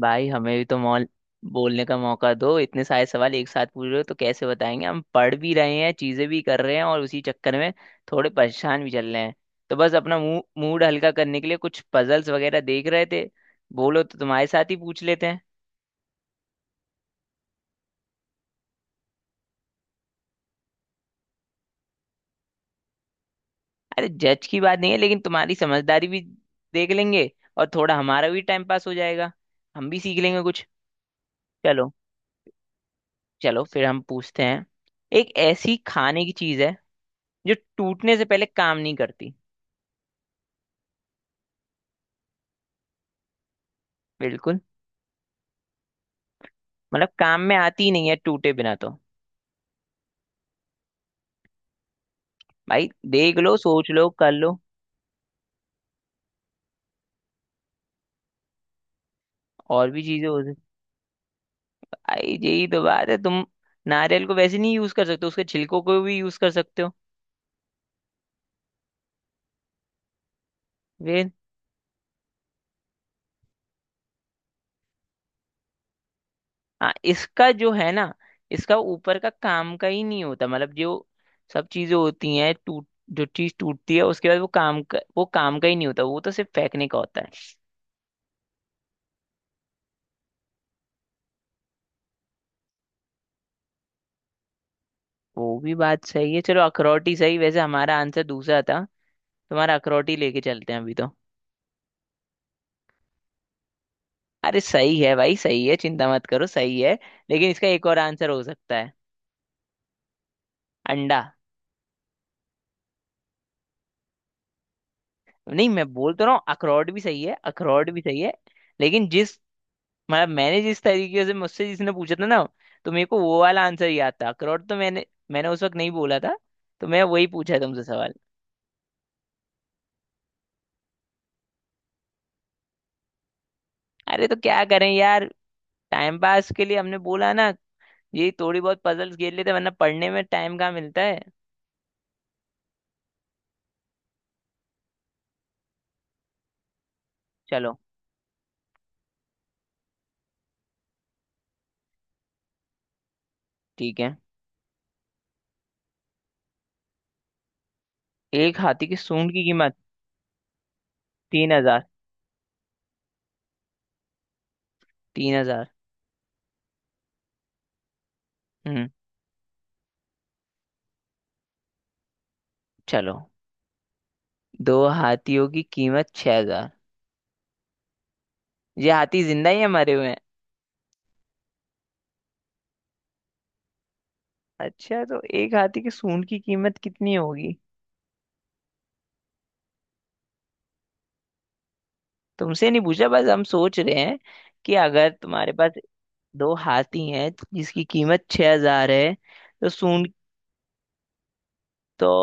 भाई हमें भी तो मॉल बोलने का मौका दो। इतने सारे सवाल एक साथ पूछ रहे हो तो कैसे बताएंगे। हम पढ़ भी रहे हैं, चीजें भी कर रहे हैं और उसी चक्कर में थोड़े परेशान भी चल रहे हैं। तो बस अपना मूड मूड हल्का करने के लिए कुछ पजल्स वगैरह देख रहे थे। बोलो तो तुम्हारे साथ ही पूछ लेते हैं। अरे जज की बात नहीं है, लेकिन तुम्हारी समझदारी भी देख लेंगे। और थोड़ा हमारा भी टाइम पास हो जाएगा। हम भी सीख लेंगे कुछ। चलो। चलो फिर हम पूछते हैं। एक ऐसी खाने की चीज है जो टूटने से पहले काम नहीं करती। बिल्कुल। मतलब काम में आती ही नहीं है टूटे बिना तो। भाई देख लो, सोच लो, कर लो। और भी चीजें हो सकती। भाई यही तो बात है तुम। नारियल को वैसे नहीं यूज कर सकते, उसके छिलकों को भी यूज कर सकते हो। वे। हाँ, इसका जो है ना, इसका ऊपर का काम का ही नहीं होता, मतलब जो सब चीजें होती हैं टूट। जो चीज टूटती है उसके बाद वो काम का ही नहीं होता, वो तो सिर्फ फेंकने का होता है। वो भी बात सही है। चलो अखरोट ही सही, वैसे हमारा आंसर दूसरा था। तुम्हारा अखरोट ही लेके चलते हैं अभी तो। अरे सही है भाई, सही है, चिंता मत करो, सही है। लेकिन इसका एक और आंसर हो सकता है। अंडा। नहीं मैं बोल तो रहा हूँ, अखरोट भी सही है, अखरोट भी सही है। लेकिन जिस, मतलब मैंने जिस तरीके से मुझसे जिसने पूछा था ना, तो मेरे को वो वाला आंसर याद था अखरोट, तो मैंने मैंने उस वक्त नहीं बोला था। तो मैं वही पूछा तुमसे सवाल। अरे तो क्या करें यार, टाइम पास के लिए हमने बोला ना। ये थोड़ी बहुत पजल्स खेल लेते, वरना पढ़ने में टाइम कहाँ मिलता है। चलो। ठीक है। एक हाथी की सूंड की कीमत 3,000। 3,000। हम्म। चलो। दो हाथियों की कीमत 6,000। ये हाथी जिंदा ही है, मरे हुए हैं? अच्छा, तो एक हाथी के सूंड की कीमत कितनी होगी। तुमसे नहीं पूछा, बस हम सोच रहे हैं कि अगर तुम्हारे पास दो हाथी हैं जिसकी कीमत 6,000 है, तो सूंड, तो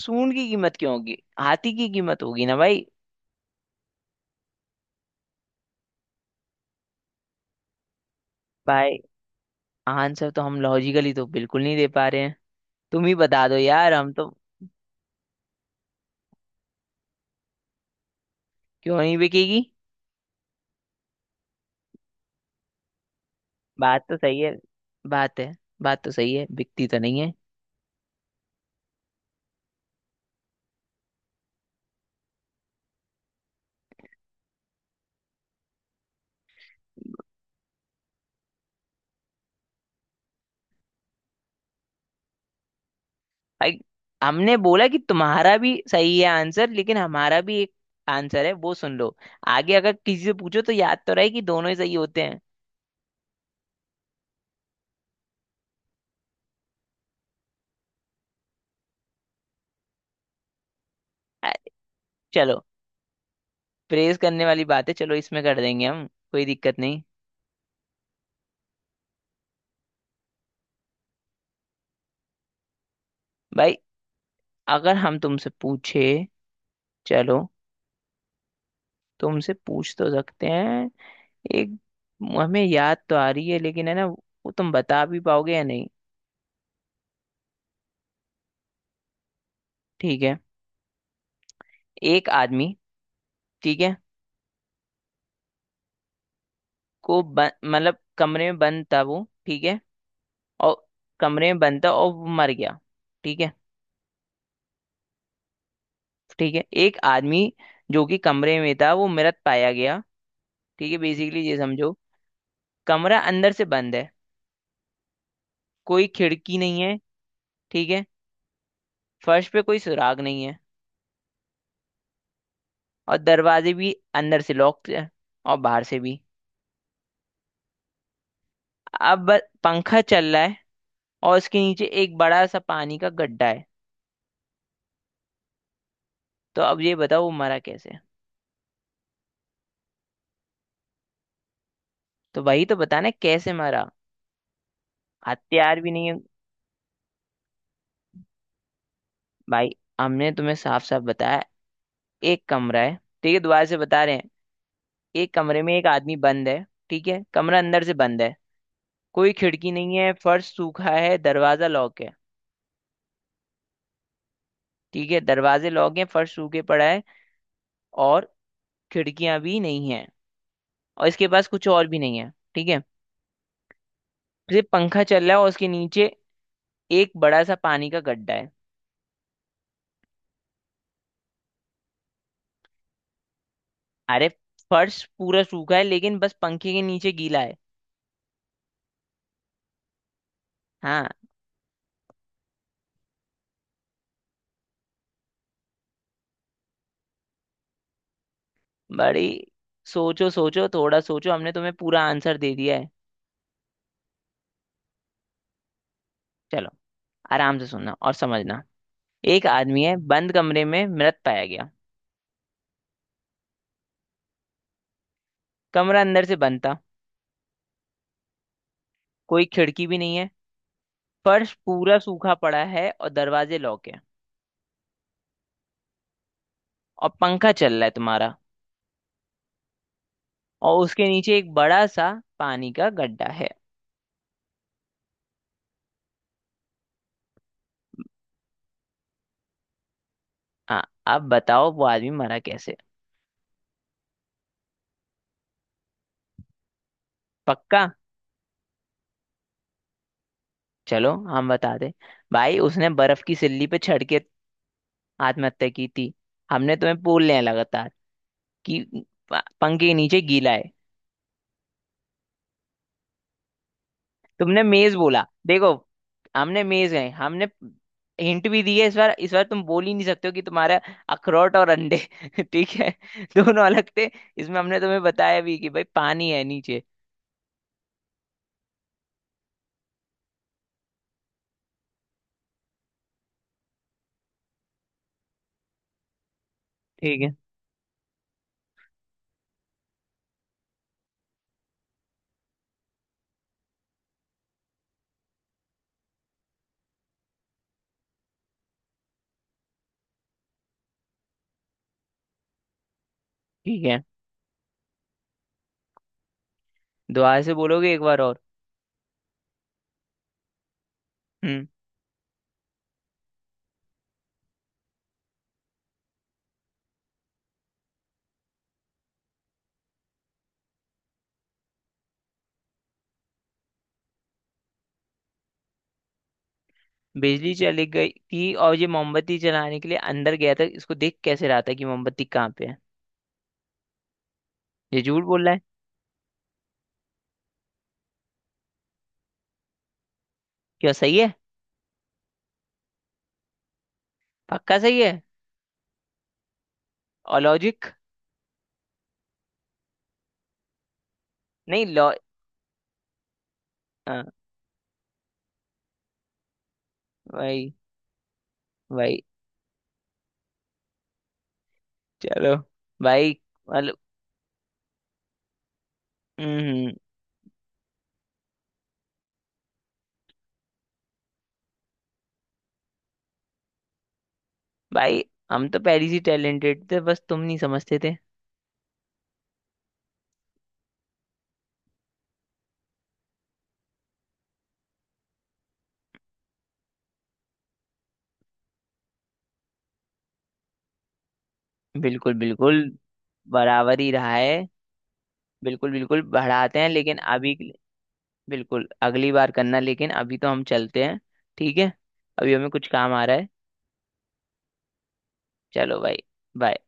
सूंड की कीमत क्यों होगी? हाथी की कीमत होगी ना भाई। भाई आंसर तो हम लॉजिकली तो बिल्कुल नहीं दे पा रहे हैं। तुम ही बता दो यार, हम तो। क्यों नहीं बिकेगी? बात तो सही है, बात है, बात तो सही है, बिकती तो नहीं है। भाई हमने बोला कि तुम्हारा भी सही है आंसर, लेकिन हमारा भी एक आंसर है, वो सुन लो। आगे अगर किसी से पूछो तो याद तो रहे कि दोनों ही सही होते हैं। अ, चलो। प्रेज करने वाली बात है, चलो इसमें कर देंगे हम। कोई दिक्कत नहीं। भाई अगर हम तुमसे पूछे, चलो, तुमसे पूछ तो सकते हैं। एक, हमें याद तो आ रही है लेकिन है ना, वो तुम बता भी पाओगे या नहीं। ठीक है। एक आदमी, ठीक है, को मतलब कमरे में बंद था वो, ठीक है। और कमरे में बंद था और वो मर गया, ठीक है। ठीक है। एक आदमी जो कि कमरे में था वो मृत पाया गया। ठीक है, बेसिकली ये समझो। कमरा अंदर से बंद है, कोई खिड़की नहीं है, ठीक है। फर्श पे कोई सुराग नहीं है, और दरवाजे भी अंदर से लॉक है, और बाहर से भी। अब पंखा चल रहा है, और उसके नीचे एक बड़ा सा पानी का गड्ढा है। तो अब ये बताओ वो मरा कैसे? तो वही तो बताना है, कैसे मरा। हथियार भी नहीं है। भाई हमने तुम्हें साफ साफ बताया, एक कमरा है, ठीक है, दोबारा से बता रहे हैं। एक कमरे में एक आदमी बंद है, ठीक है, कमरा अंदर से बंद है। कोई खिड़की नहीं है, फर्श सूखा है, दरवाजा लॉक है। ठीक है, दरवाजे लॉक हैं, फर्श सूखे पड़ा है, और खिड़कियां भी नहीं है, और इसके पास कुछ और भी नहीं है, ठीक है। सिर्फ पंखा चल रहा है और उसके नीचे एक बड़ा सा पानी का गड्ढा है। अरे फर्श पूरा सूखा है, लेकिन बस पंखे के नीचे गीला है। हाँ। बड़ी सोचो, सोचो थोड़ा, सोचो। हमने तुम्हें पूरा आंसर दे दिया है। चलो, आराम से सुनना और समझना। एक आदमी है बंद कमरे में मृत पाया गया। कमरा अंदर से बंद था, कोई खिड़की भी नहीं है, फर्श पूरा सूखा पड़ा है, और दरवाजे लॉक है। और पंखा चल रहा है तुम्हारा। और उसके नीचे एक बड़ा सा पानी का गड्ढा है। हाँ। अब बताओ वो आदमी मरा कैसे? पक्का। चलो हम बता दे। भाई उसने बर्फ की सिल्ली पे चढ़ के आत्महत्या की थी। हमने तुम्हें बोल लिया लगातार कि पंखे के नीचे गीला है। तुमने मेज बोला, देखो हमने मेज गए, हमने हिंट भी दी है। इस बार, इस बार तुम बोल ही नहीं सकते हो कि तुम्हारा अखरोट और अंडे ठीक है दोनों अलग थे। इसमें हमने तुम्हें बताया भी कि भाई पानी है नीचे। ठीक है। ठीक है, दोबारा से बोलोगे एक बार और? हम्म। बिजली चली गई थी और ये मोमबत्ती जलाने के लिए अंदर गया था, इसको देख कैसे रहा था कि मोमबत्ती कहाँ पे है? ये झूठ बोल रहा है। क्या सही है? पक्का सही है? और लॉजिक? नहीं लॉ। हाँ। भाई। भाई। चलो। भाई। हम्म। भाई हम तो पहले से टैलेंटेड थे, बस तुम नहीं समझते थे। बिल्कुल बिल्कुल। बराबर ही रहा है। बिल्कुल बिल्कुल बढ़ाते हैं, लेकिन अभी के लिए-। बिल्कुल अगली बार करना, लेकिन अभी तो हम चलते हैं। ठीक है। अभी हमें कुछ काम आ रहा है। चलो भाई। बाय।